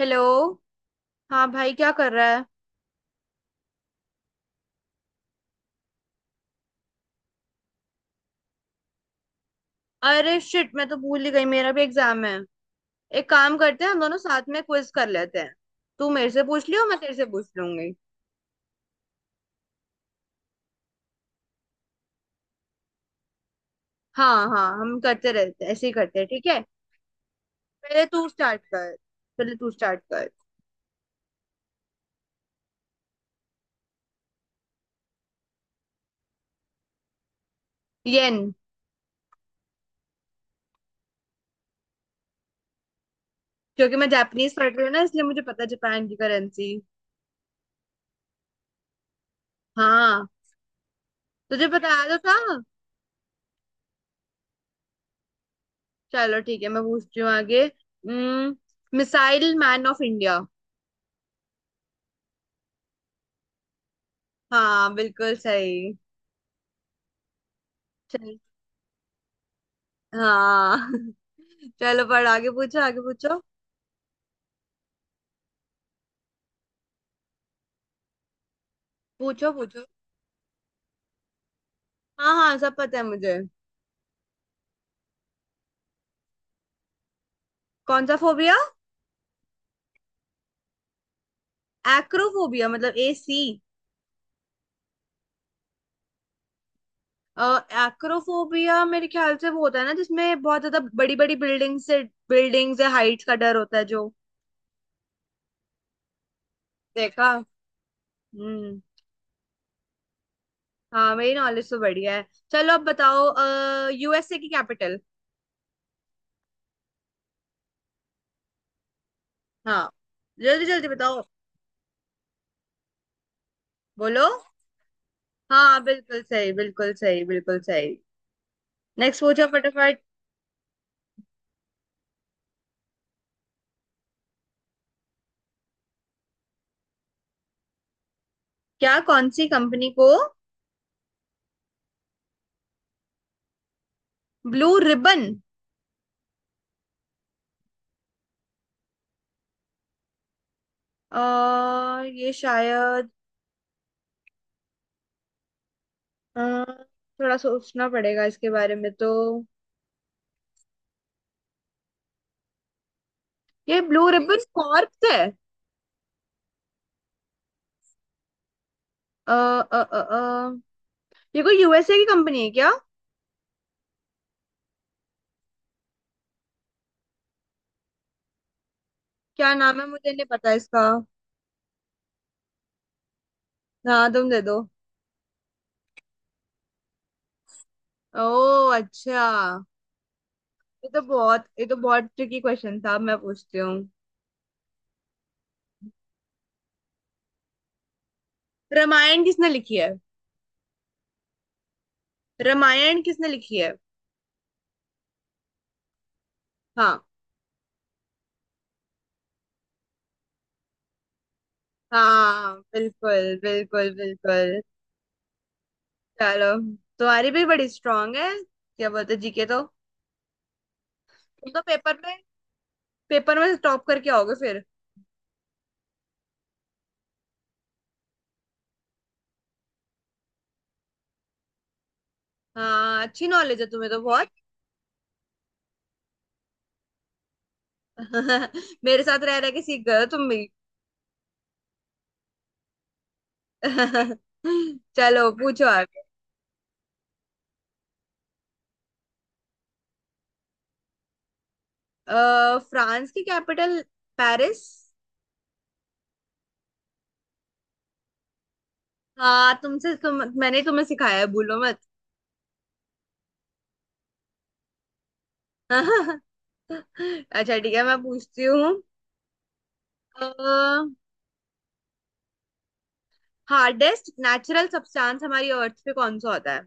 Hello. हाँ भाई, क्या कर रहा है? अरे शिट, मैं तो भूल ही गई, मेरा भी एग्जाम है। एक काम करते हैं, हम दोनों साथ में क्विज कर लेते हैं। तू मेरे से पूछ लियो, मैं तेरे से पूछ लूंगी। हाँ हाँ, हम करते रहते हैं, ऐसे ही करते हैं, ठीक है। पहले तू स्टार्ट कर। पहले तू स्टार्ट कर। येन। क्योंकि मैं जापानीज पढ़ रही हूँ ना, इसलिए मुझे पता है जापान की करेंसी। हाँ। तुझे बताया तो था। चलो ठीक है, मैं पूछती हूँ आगे। Missile man of India. हाँ बिल्कुल सही। हाँ। चलो, पर आगे पूछो, आगे पूछो। पूछो पूछो। हाँ हाँ, सब पता है मुझे। कौन सा फोबिया? एक्रोफोबिया मतलब ए सी। एक्रोफोबिया मेरे ख्याल से वो होता है ना, जिसमें बहुत ज्यादा बड़ी बड़ी बिल्डिंग से, बिल्डिंग्स या हाइट्स का डर होता है जो। देखा। हम्म। हाँ, मेरी नॉलेज तो बढ़िया है। चलो अब बताओ, अः USA की कैपिटल। हाँ। जल्दी जल्दी बताओ। बोलो। हाँ बिल्कुल सही, बिल्कुल सही, बिल्कुल सही। नेक्स्ट पूछो फटाफट। क्या? कौन सी कंपनी को ब्लू रिबन। ये शायद। अ, थोड़ा सोचना पड़ेगा इसके बारे में तो। ये ब्लू रिबन कॉर्प्स है। अ, अ, अ, अ, ये कोई USA की कंपनी है क्या? क्या नाम है, मुझे नहीं पता इसका। हाँ तुम दे दो। ओ अच्छा। ये तो बहुत, ट्रिकी क्वेश्चन था। अब मैं पूछती हूँ। रामायण किसने लिखी है? रामायण किसने लिखी है? हाँ। हाँ बिल्कुल बिल्कुल बिल्कुल। चलो। तुम्हारी भी बड़ी स्ट्रांग है, क्या बोलते GK तो? तुम तो पेपर में, टॉप करके आओगे फिर। हाँ, अच्छी नॉलेज है तुम्हें तो बहुत। मेरे साथ रह रह के सीख गए हो तुम भी। चलो पूछो आगे। फ्रांस की कैपिटल। पेरिस। हाँ, तुमसे तुम मैंने तुम्हें सिखाया है, भूलो मत। अच्छा ठीक है, मैं पूछती हूँ। हार्डेस्ट नेचुरल सब्सटेंस हमारी अर्थ पे कौन सा होता है?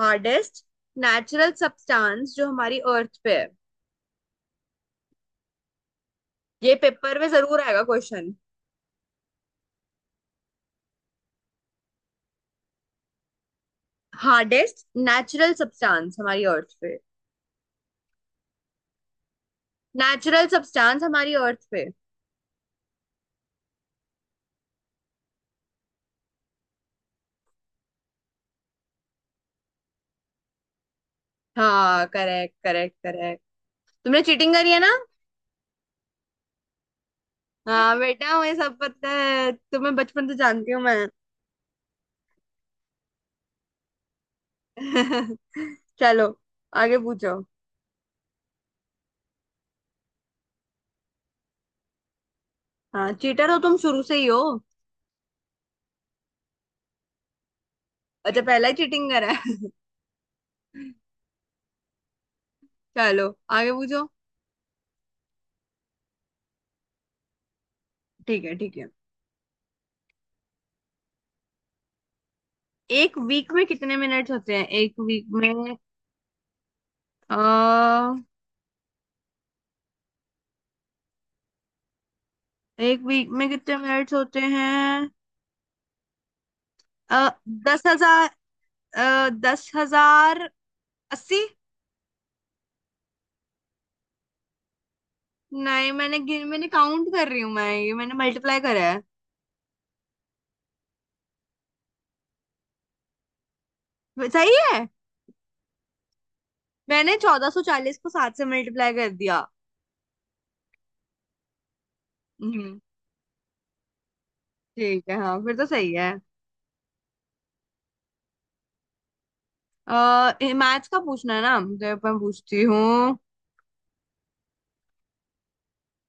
हार्डेस्ट नेचुरल सब्सटेंस जो हमारी अर्थ पे है। ये पेपर में जरूर आएगा क्वेश्चन। हार्डेस्ट नेचुरल सब्सटेंस हमारी अर्थ पे, नेचुरल सब्सटेंस हमारी अर्थ पे। हाँ करेक्ट करेक्ट करेक्ट। तुमने चीटिंग करी है ना? हाँ बेटा, मुझे सब पता है, तुम्हें बचपन से जानती हूँ मैं। चलो आगे पूछो। हाँ चीटर हो तुम, शुरू से ही हो। अच्छा, पहला ही चीटिंग करा है? चलो आगे पूछो। ठीक है ठीक है। एक वीक में कितने मिनट्स होते हैं? एक वीक में? आ, एक वीक में कितने मिनट्स होते हैं? आ, 10,000। 10,080। नहीं, मैंने काउंट कर रही हूँ मैं, ये मैंने मल्टीप्लाई करा है। सही है। मैंने 1,440 को 7 से मल्टीप्लाई कर दिया। हम्म। ठीक है हाँ, फिर तो सही है। अः मैथ्स का पूछना है ना मुझे, मैं पूछती हूँ।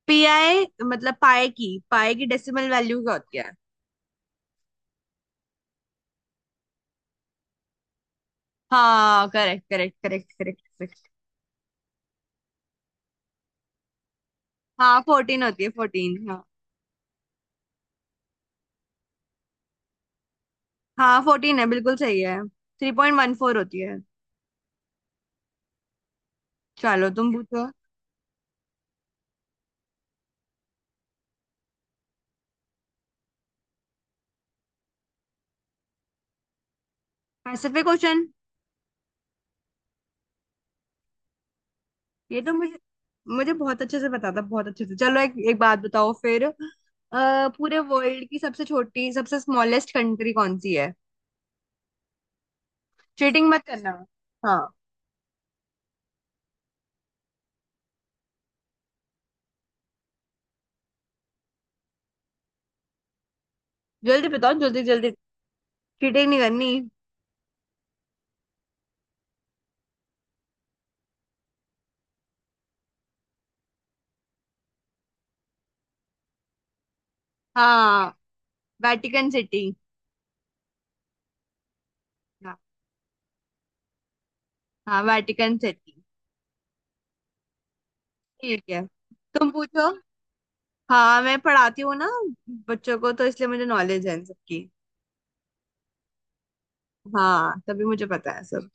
पी आई मतलब पाई की, डेसिमल वैल्यू क्या होती है? हाँ correct correct correct correct correct. हाँ 14 होती है, 14 हाँ। हाँ फोर्टीन है, बिल्कुल सही है, 3.14 होती है। चलो तुम पूछो। Pacific question. ये तो मुझे मुझे बहुत अच्छे से पता था, बहुत अच्छे से। चलो, एक एक बात बताओ फिर। पूरे वर्ल्ड की सबसे छोटी, सबसे स्मॉलेस्ट कंट्री कौन सी है? चीटिंग मत करना। हाँ। जल्दी बताओ, जल्दी जल्दी। चीटिंग नहीं करनी। हाँ, वेटिकन सिटी। हाँ हाँ, वेटिकन सिटी। ठीक है, तुम पूछो। हाँ, मैं पढ़ाती हूँ ना बच्चों को, तो इसलिए मुझे नॉलेज है इन सबकी। हाँ, तभी मुझे पता है सब।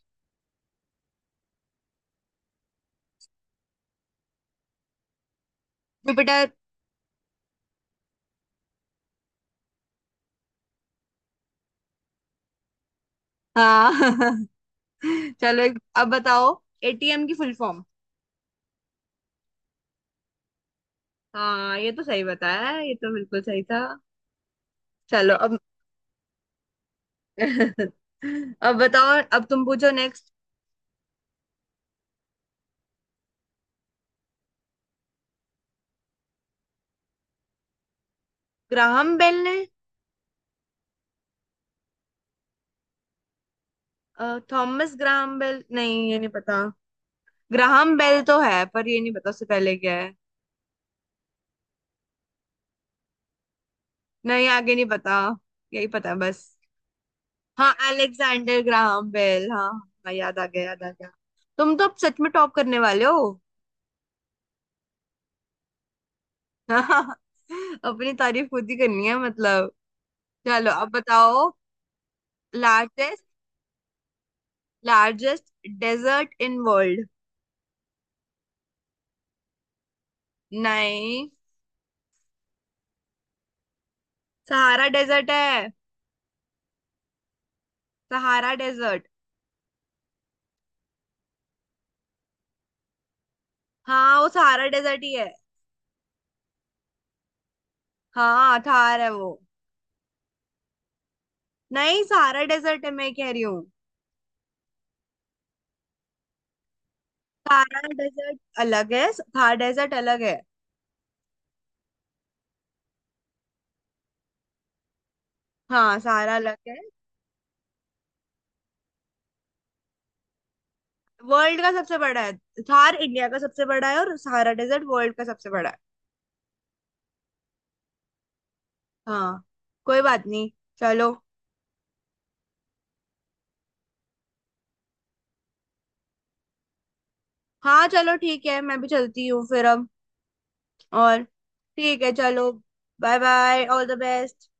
जुपिटर। हाँ। चलो एक अब बताओ, ATM की फुल फॉर्म। हाँ, ये तो सही बताया है, ये तो बिल्कुल सही था। चलो अब। अब बताओ, अब तुम पूछो नेक्स्ट। ग्राहम बेल ने। थॉमस ग्राहम बेल, नहीं ये नहीं पता। ग्राहम बेल तो है, पर ये नहीं पता उससे पहले क्या है। नहीं आगे नहीं पता, यही पता है बस। हाँ अलेक्जेंडर ग्राहम बेल, हाँ। हाँ, याद आ गया, याद आ गया। तुम तो अब सच में टॉप करने वाले हो। अपनी तारीफ खुद ही करनी है मतलब। चलो अब बताओ। Largest largest desert in world. नहीं, सहारा डेजर्ट है। Sahara desert. हाँ, वो सहारा डेजर्ट ही है। हाँ, थार है वो। नहीं, सहारा डेजर्ट है, मैं कह रही हूँ। सहारा डेजर्ट अलग है, थार डेजर्ट अलग है। हाँ, सहारा अलग है। वर्ल्ड का सबसे बड़ा है। थार इंडिया का सबसे बड़ा है, और सहारा डेजर्ट वर्ल्ड का सबसे बड़ा है। हाँ, कोई बात नहीं। चलो। हाँ चलो ठीक है, मैं भी चलती हूँ फिर अब। और ठीक है, चलो। Bye bye, all the best.